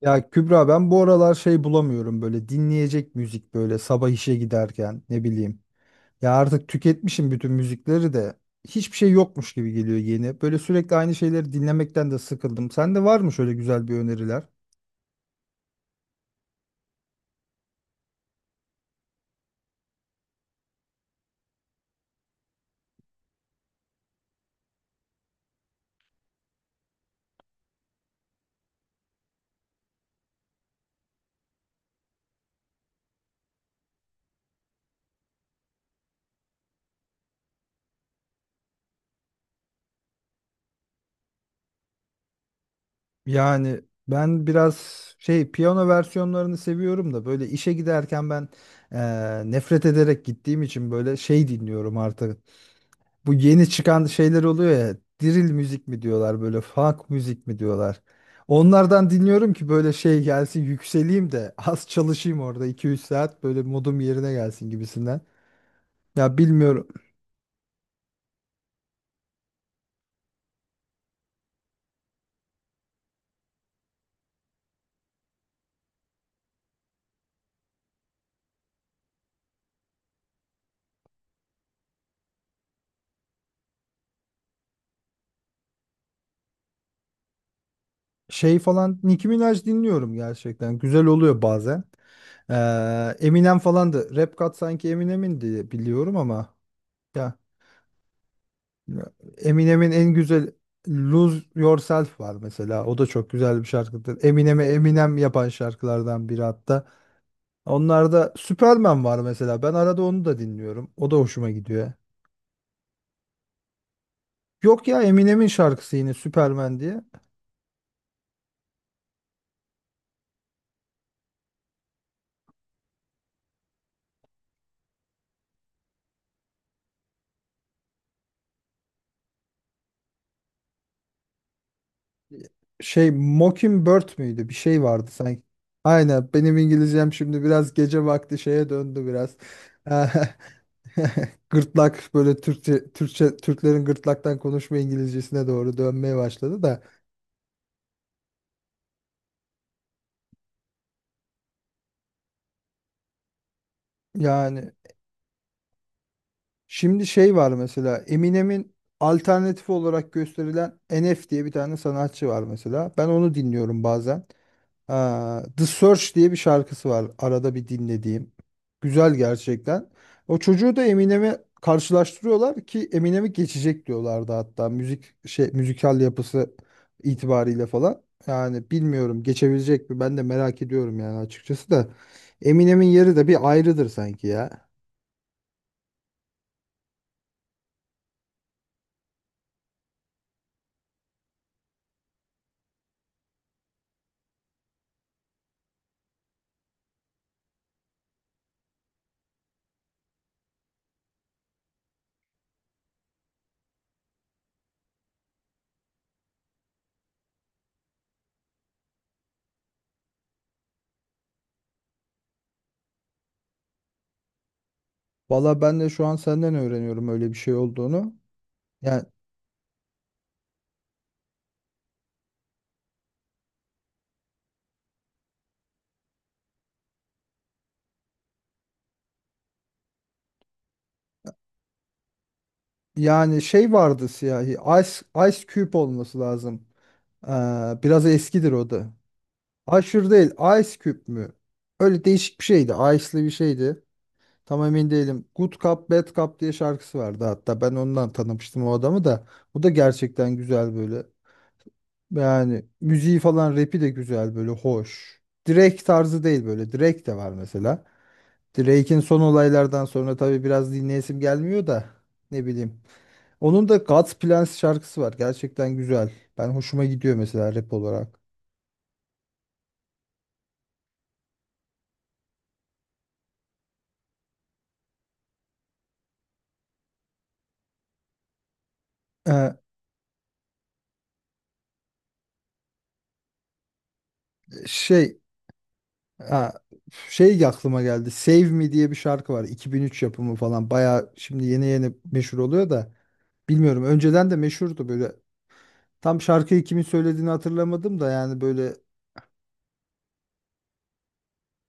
Ya Kübra, ben bu aralar şey bulamıyorum böyle, dinleyecek müzik, böyle sabah işe giderken ne bileyim. Ya artık tüketmişim bütün müzikleri de, hiçbir şey yokmuş gibi geliyor yeni. Böyle sürekli aynı şeyleri dinlemekten de sıkıldım. Sende var mı şöyle güzel bir öneriler? Yani ben biraz şey, piyano versiyonlarını seviyorum da, böyle işe giderken ben nefret ederek gittiğim için böyle şey dinliyorum artık. Bu yeni çıkan şeyler oluyor ya. Drill müzik mi diyorlar, böyle funk müzik mi diyorlar. Onlardan dinliyorum ki böyle şey gelsin, yükseleyim de az çalışayım orada, iki üç saat böyle modum yerine gelsin gibisinden. Ya bilmiyorum, şey falan, Nicki Minaj dinliyorum, gerçekten güzel oluyor bazen. Eminem falan da Rap God, sanki Eminem'in diye biliyorum ama, ya Eminem'in en güzel Lose Yourself var mesela. O da çok güzel bir şarkıdır. Eminem'e Eminem yapan şarkılardan biri hatta. Onlarda Superman var mesela. Ben arada onu da dinliyorum. O da hoşuma gidiyor. Yok ya, Eminem'in şarkısı yine, Superman diye. Şey, Mockingbird müydü? Bir şey vardı sanki. Aynen, benim İngilizcem şimdi biraz gece vakti şeye döndü biraz. Gırtlak, böyle Türkçe Türklerin gırtlaktan konuşma İngilizcesine doğru dönmeye başladı da. Yani şimdi şey var mesela, Eminem'in alternatif olarak gösterilen NF diye bir tane sanatçı var mesela. Ben onu dinliyorum bazen. Aa, The Search diye bir şarkısı var, arada bir dinlediğim. Güzel gerçekten. O çocuğu da Eminem'e karşılaştırıyorlar ki Eminem'i geçecek diyorlardı hatta, müzik şey, müzikal yapısı itibariyle falan. Yani bilmiyorum, geçebilecek mi, ben de merak ediyorum yani açıkçası da. Eminem'in yeri de bir ayrıdır sanki ya. Valla ben de şu an senden öğreniyorum öyle bir şey olduğunu. Yani, yani, şey vardı, siyahi. Ice, Ice Cube olması lazım. Ee, biraz eskidir o da. Aşır değil. Ice Cube mü? Öyle değişik bir şeydi. Ice'lı bir şeydi. Tam emin değilim. Good Cup, Bad Cup diye şarkısı vardı hatta. Ben ondan tanımıştım o adamı da. O da gerçekten güzel böyle. Yani müziği falan, rapi de güzel böyle, hoş. Drake tarzı değil böyle. Drake de var mesela. Drake'in son olaylardan sonra tabii biraz dinleyesim gelmiyor da, ne bileyim. Onun da God's Plans şarkısı var. Gerçekten güzel. Ben, hoşuma gidiyor mesela rap olarak. Ee, şey, ha, şey aklıma geldi. Save Me diye bir şarkı var. 2003 yapımı falan. Bayağı şimdi yeni yeni meşhur oluyor da bilmiyorum, önceden de meşhurdu böyle. Tam şarkıyı kimin söylediğini hatırlamadım da, yani böyle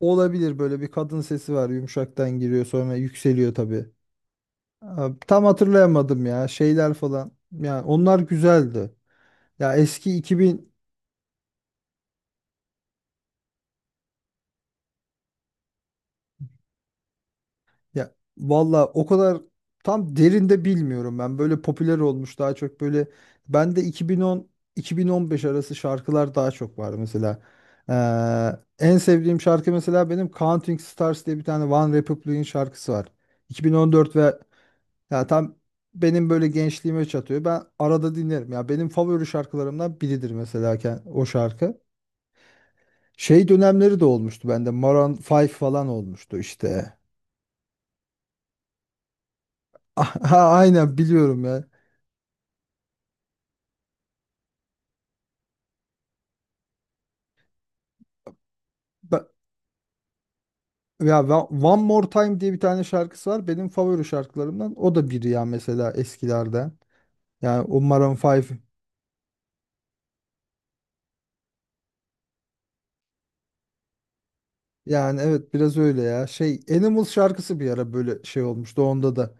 olabilir, böyle bir kadın sesi var. Yumuşaktan giriyor, sonra yükseliyor tabii. Abi, tam hatırlayamadım ya, şeyler falan. Yani onlar güzeldi. Ya eski 2000, ya valla o kadar tam derinde bilmiyorum ben. Böyle popüler olmuş daha çok, böyle ben de 2010 2015 arası şarkılar daha çok var mesela. En sevdiğim şarkı mesela, benim Counting Stars diye bir tane, One Republic'in şarkısı var. 2014, ve ya tam benim böyle gençliğime çatıyor. Ben arada dinlerim. Ya benim favori şarkılarımdan biridir mesela o şarkı. Şey dönemleri de olmuştu bende. Maroon 5 falan olmuştu işte. Aha, aynen biliyorum ya. Ba- One More Time diye bir tane şarkısı var. Benim favori şarkılarımdan. O da biri ya mesela, eskilerden. Yani o Maroon 5. Yani evet, biraz öyle ya. Şey, Animals şarkısı bir ara böyle şey olmuştu onda da.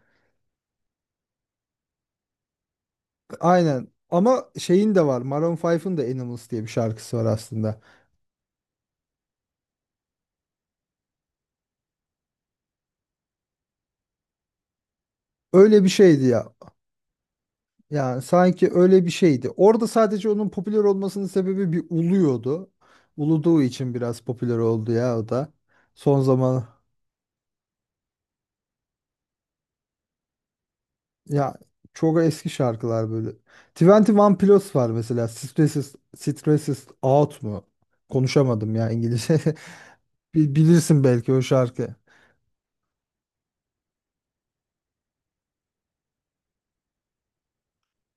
Aynen. Ama şeyin de var. Maroon 5'ın de Animals diye bir şarkısı var aslında. Öyle bir şeydi ya. Yani sanki öyle bir şeydi. Orada sadece onun popüler olmasının sebebi, bir uluyordu. Uluduğu için biraz popüler oldu ya o da. Son zaman, ya çok eski şarkılar böyle. 21 Pilots var mesela. Stresses Out mu? Konuşamadım ya İngilizce. Bilirsin belki o şarkı.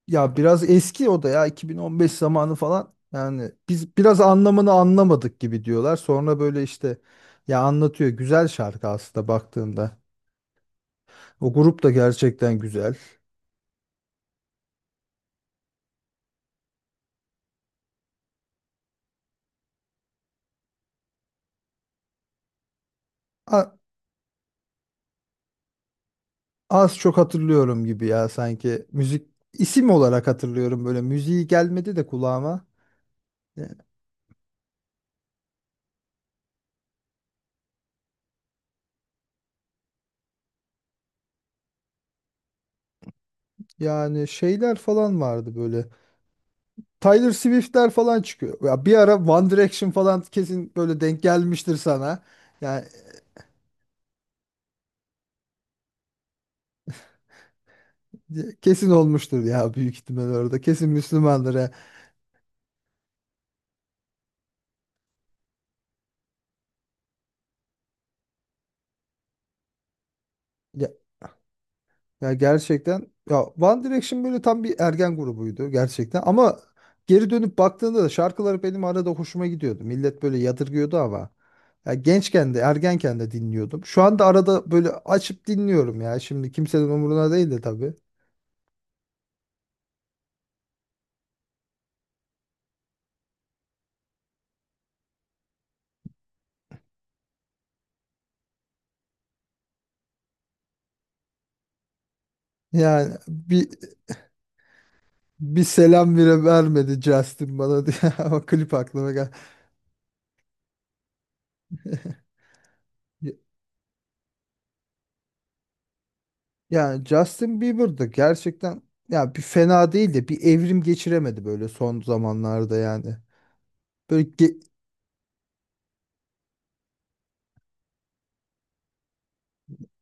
Ya biraz eski o da, ya 2015 zamanı falan. Yani biz biraz anlamını anlamadık gibi diyorlar. Sonra böyle işte ya anlatıyor. Güzel şarkı aslında baktığında. O grup da gerçekten güzel. A- az çok hatırlıyorum gibi ya sanki. Müzik, isim olarak hatırlıyorum böyle. Müziği gelmedi de kulağıma. Ya- Yani şeyler falan vardı böyle. Tyler Swift'ler falan çıkıyor. Ya bir ara One Direction falan kesin böyle denk gelmiştir sana. Yani, kesin olmuştur ya, büyük ihtimal orada. Kesin Müslümandır. Ha. Ya Ya gerçekten ya, One Direction böyle tam bir ergen grubuydu gerçekten ama, geri dönüp baktığında da şarkıları benim arada hoşuma gidiyordu. Millet böyle yadırgıyordu ama, ya gençken de ergenken de dinliyordum. Şu anda arada böyle açıp dinliyorum ya. Şimdi kimsenin umuruna değil de tabii. Yani, bir selam bile vermedi Justin bana diye ama klip aklıma geldi. Yani Justin Bieber'dı gerçekten ya, bir fena değil de bir evrim geçiremedi böyle son zamanlarda yani. Böyle ge-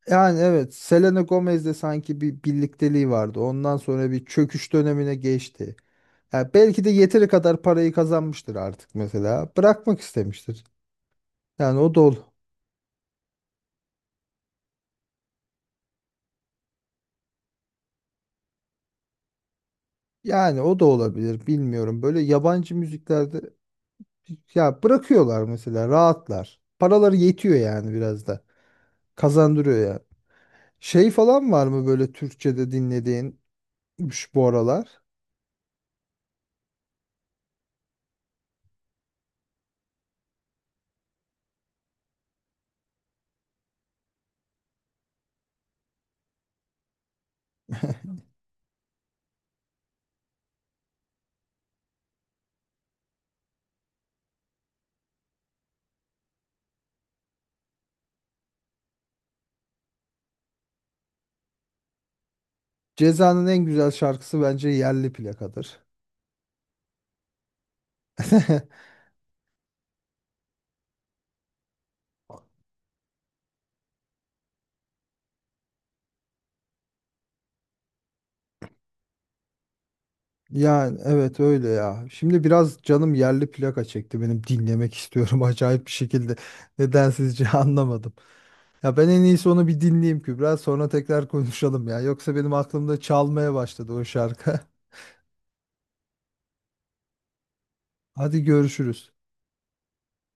Yani evet, Selena Gomez'le sanki bir birlikteliği vardı. Ondan sonra bir çöküş dönemine geçti. Ya belki de yeteri kadar parayı kazanmıştır artık mesela. Bırakmak istemiştir. Yani o da ol yani o da olabilir bilmiyorum. Böyle yabancı müziklerde ya bırakıyorlar mesela, rahatlar. Paraları yetiyor yani, biraz da. Kazandırıyor yani. Şey falan var mı böyle Türkçe'de dinlediğin şu bu aralar? Ceza'nın en güzel şarkısı bence Yerli Plaka'dır. Yani evet, öyle ya. Şimdi biraz canım yerli plaka çekti, benim dinlemek istiyorum acayip bir şekilde. Nedensizce anlamadım. Ya ben en iyisi onu bir dinleyeyim Kübra, sonra tekrar konuşalım ya. Yoksa benim aklımda çalmaya başladı o şarkı. Hadi görüşürüz.